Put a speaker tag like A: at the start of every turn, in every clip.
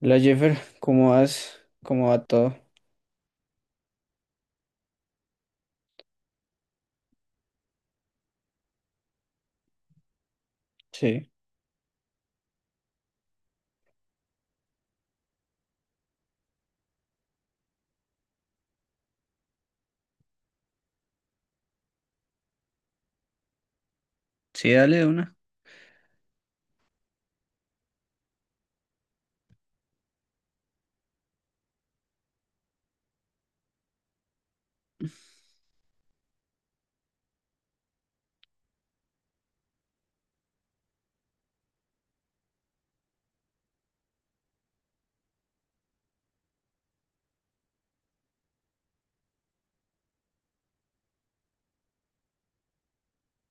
A: La Jeffer, ¿cómo vas? ¿Cómo va todo? Sí. Sí, dale de una.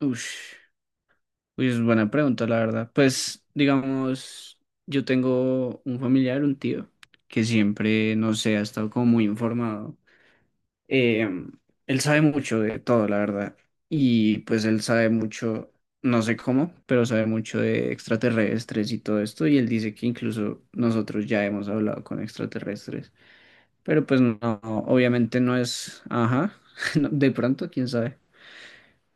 A: Ush. Uy, es buena pregunta, la verdad. Pues, digamos, yo tengo un familiar, un tío, que siempre, no sé, ha estado como muy informado. Eh, Él sabe mucho de todo, la verdad. Y pues él sabe mucho, no sé cómo, pero sabe mucho de extraterrestres y todo esto. Y él dice que incluso nosotros ya hemos hablado con extraterrestres. Pero pues no, obviamente no es, ajá, no, de pronto, quién sabe.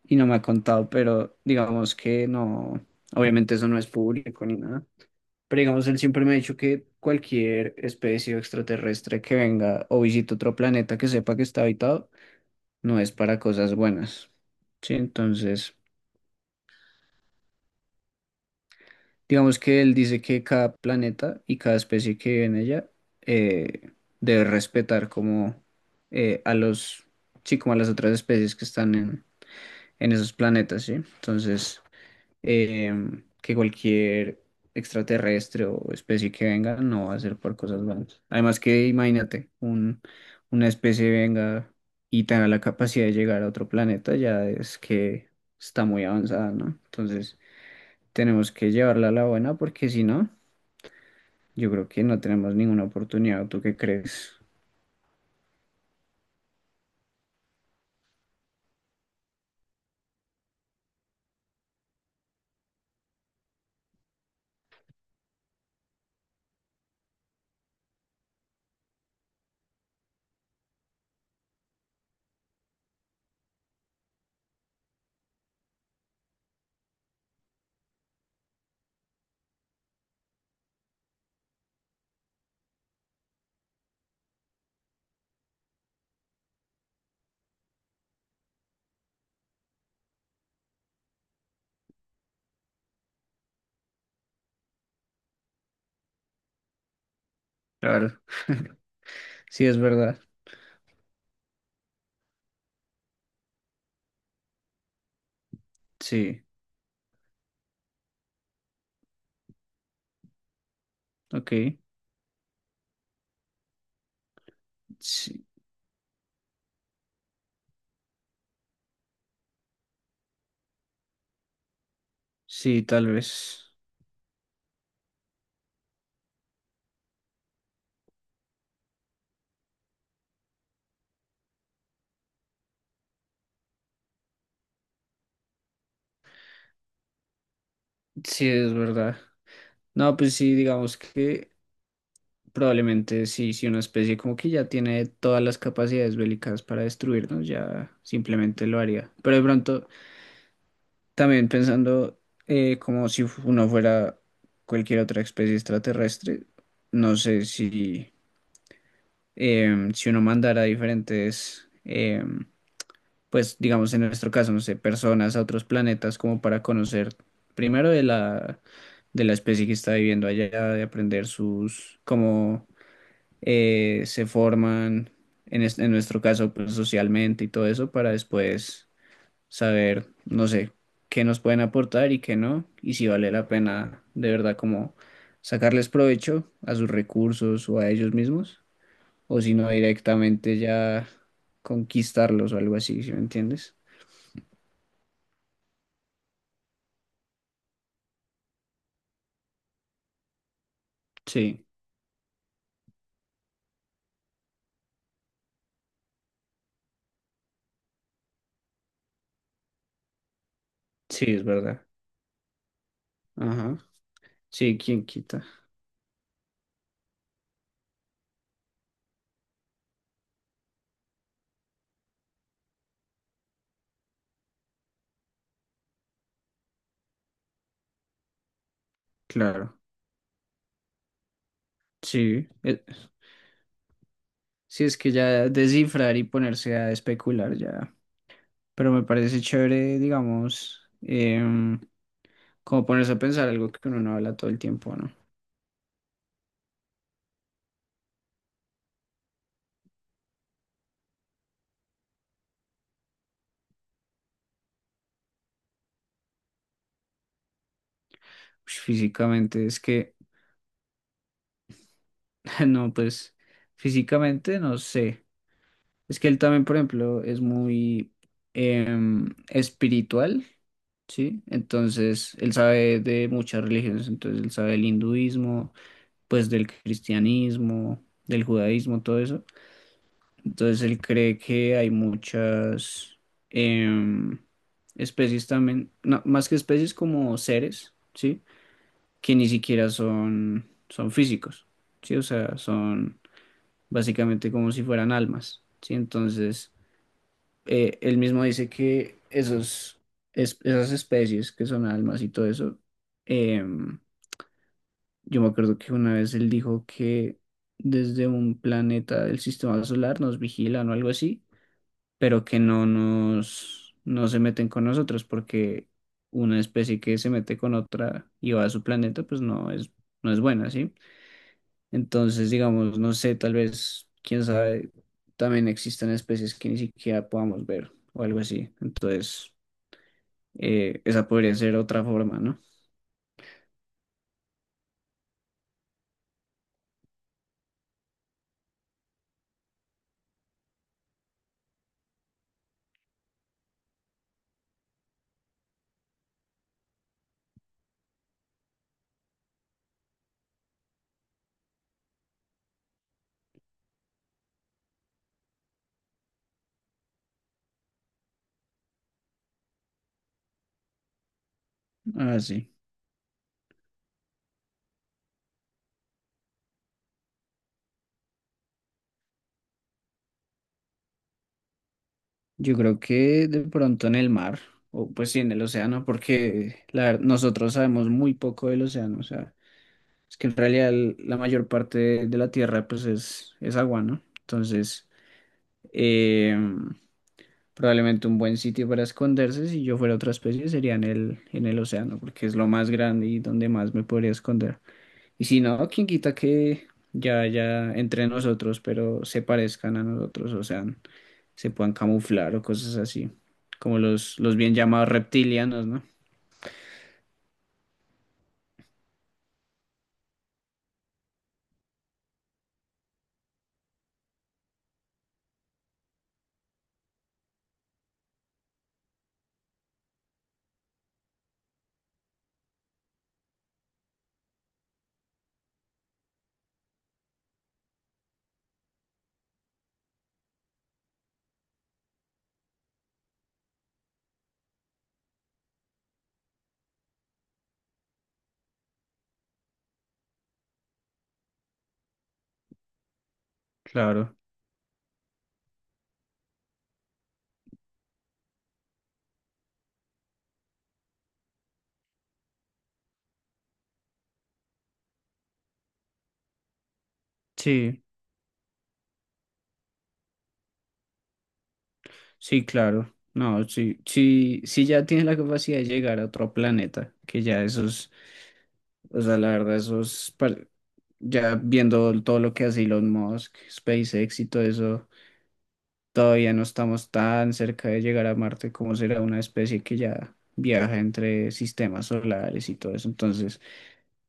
A: Y no me ha contado, pero digamos que no, obviamente eso no es público ni nada. Pero digamos, él siempre me ha dicho que cualquier especie extraterrestre que venga o visite otro planeta que sepa que está habitado, no es para cosas buenas. Sí, entonces, digamos que él dice que cada planeta y cada especie que vive en ella eh, debe respetar como a los, sí, como a las otras especies que están en esos planetas, ¿sí? Entonces, que cualquier extraterrestre o especie que venga no va a ser por cosas malas. Además que imagínate, un, una especie venga y tenga la capacidad de llegar a otro planeta, ya es que está muy avanzada, ¿no? Entonces, tenemos que llevarla a la buena porque si no, yo creo que no tenemos ninguna oportunidad. ¿Tú qué crees? Claro. Sí, es verdad. Sí, ok. Sí, sí, tal vez. Sí, es verdad. No, pues sí, digamos que probablemente sí, si una especie como que ya tiene todas las capacidades bélicas para destruirnos, ya simplemente lo haría. Pero de pronto, también pensando como si uno fuera cualquier otra especie extraterrestre, no sé si, si uno mandara diferentes, pues digamos en nuestro caso, no sé, personas a otros planetas como para conocer primero de la especie que está viviendo allá, de aprender sus, como se forman, en nuestro caso, pues socialmente y todo eso, para después saber, no sé, qué nos pueden aportar y qué no, y si vale la pena de verdad como sacarles provecho a sus recursos o a ellos mismos, o si no directamente ya conquistarlos o algo así, ¿si me entiendes? Sí, sí, es verdad. Ajá. Sí, quién quita. Claro. Sí. Sí, es que ya descifrar y ponerse a especular ya. Pero me parece chévere, digamos, como ponerse a pensar algo que uno no habla todo el tiempo, ¿no? Ush, físicamente, es que, no, pues, físicamente no sé. Es que él también, por ejemplo, es muy espiritual, ¿sí? Entonces, él sabe de muchas religiones, entonces él sabe del hinduismo, pues del cristianismo, del judaísmo, todo eso. Entonces él cree que hay muchas em, especies también, no, más que especies como seres, ¿sí? Que ni siquiera son, son físicos, ¿sí? O sea, son básicamente como si fueran almas, ¿sí? Entonces él mismo dice que esos, esas especies que son almas y todo eso, em, yo me acuerdo que una vez él dijo que desde un planeta del sistema solar nos vigilan o algo así, pero que no nos, no se meten con nosotros, porque una especie que se mete con otra y va a su planeta, pues no es, no es buena, ¿sí? Entonces, digamos, no sé, tal vez, quién sabe, también existen especies que ni siquiera podamos ver o algo así. Entonces, esa podría ser otra forma, ¿no? Ah, sí. Yo creo que de pronto en el mar, o pues sí, en el océano, porque la, nosotros sabemos muy poco del océano, o sea. Es que en realidad la mayor parte de la Tierra pues es agua, ¿no? Entonces, eh, probablemente un buen sitio para esconderse, si yo fuera otra especie, sería en el océano, porque es lo más grande y donde más me podría esconder. Y si no, quién quita que ya entre nosotros, pero se parezcan a nosotros, o sea, se puedan camuflar o cosas así, como los bien llamados reptilianos, ¿no? Claro. Sí. Sí, claro. No, sí, sí, sí ya tienes la capacidad de llegar a otro planeta, que ya esos, o sea, la verdad, esos, ya viendo todo lo que hace Elon Musk, SpaceX y todo eso, todavía no estamos tan cerca de llegar a Marte como será una especie que ya viaja entre sistemas solares y todo eso. Entonces,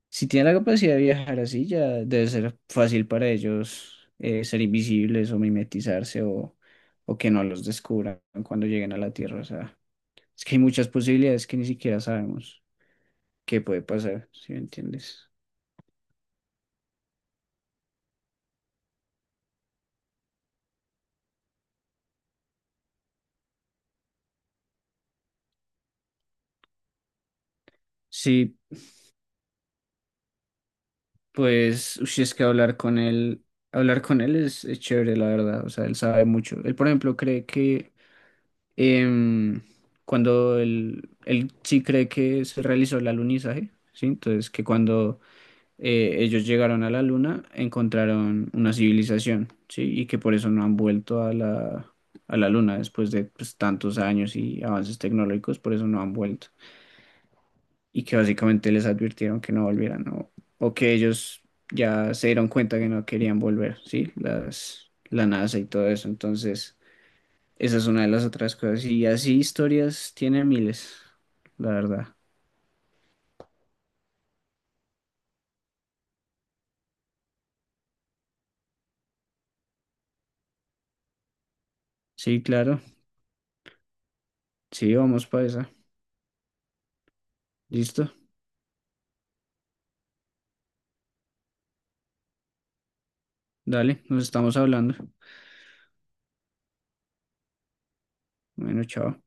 A: si tiene la capacidad de viajar así, ya debe ser fácil para ellos ser invisibles o mimetizarse o que no los descubran cuando lleguen a la Tierra. O sea. Es que hay muchas posibilidades que ni siquiera sabemos qué puede pasar, ¿si me entiendes? Sí, pues, uy, es que hablar con él es chévere, la verdad. O sea, él sabe mucho. Él, por ejemplo, cree que em, cuando él sí cree que se realizó el alunizaje, ¿sí? Entonces, que cuando ellos llegaron a la luna, encontraron una civilización, ¿sí? Y que por eso no han vuelto a la luna después de pues, tantos años y avances tecnológicos, por eso no han vuelto. Y que básicamente les advirtieron que no volvieran o que ellos ya se dieron cuenta que no querían volver, ¿sí? Las, la NASA y todo eso. Entonces, esa es una de las otras cosas. Y así historias tiene miles, la verdad. Sí, claro. Sí, vamos para esa. ¿Listo? Dale, nos estamos hablando. Bueno, chao.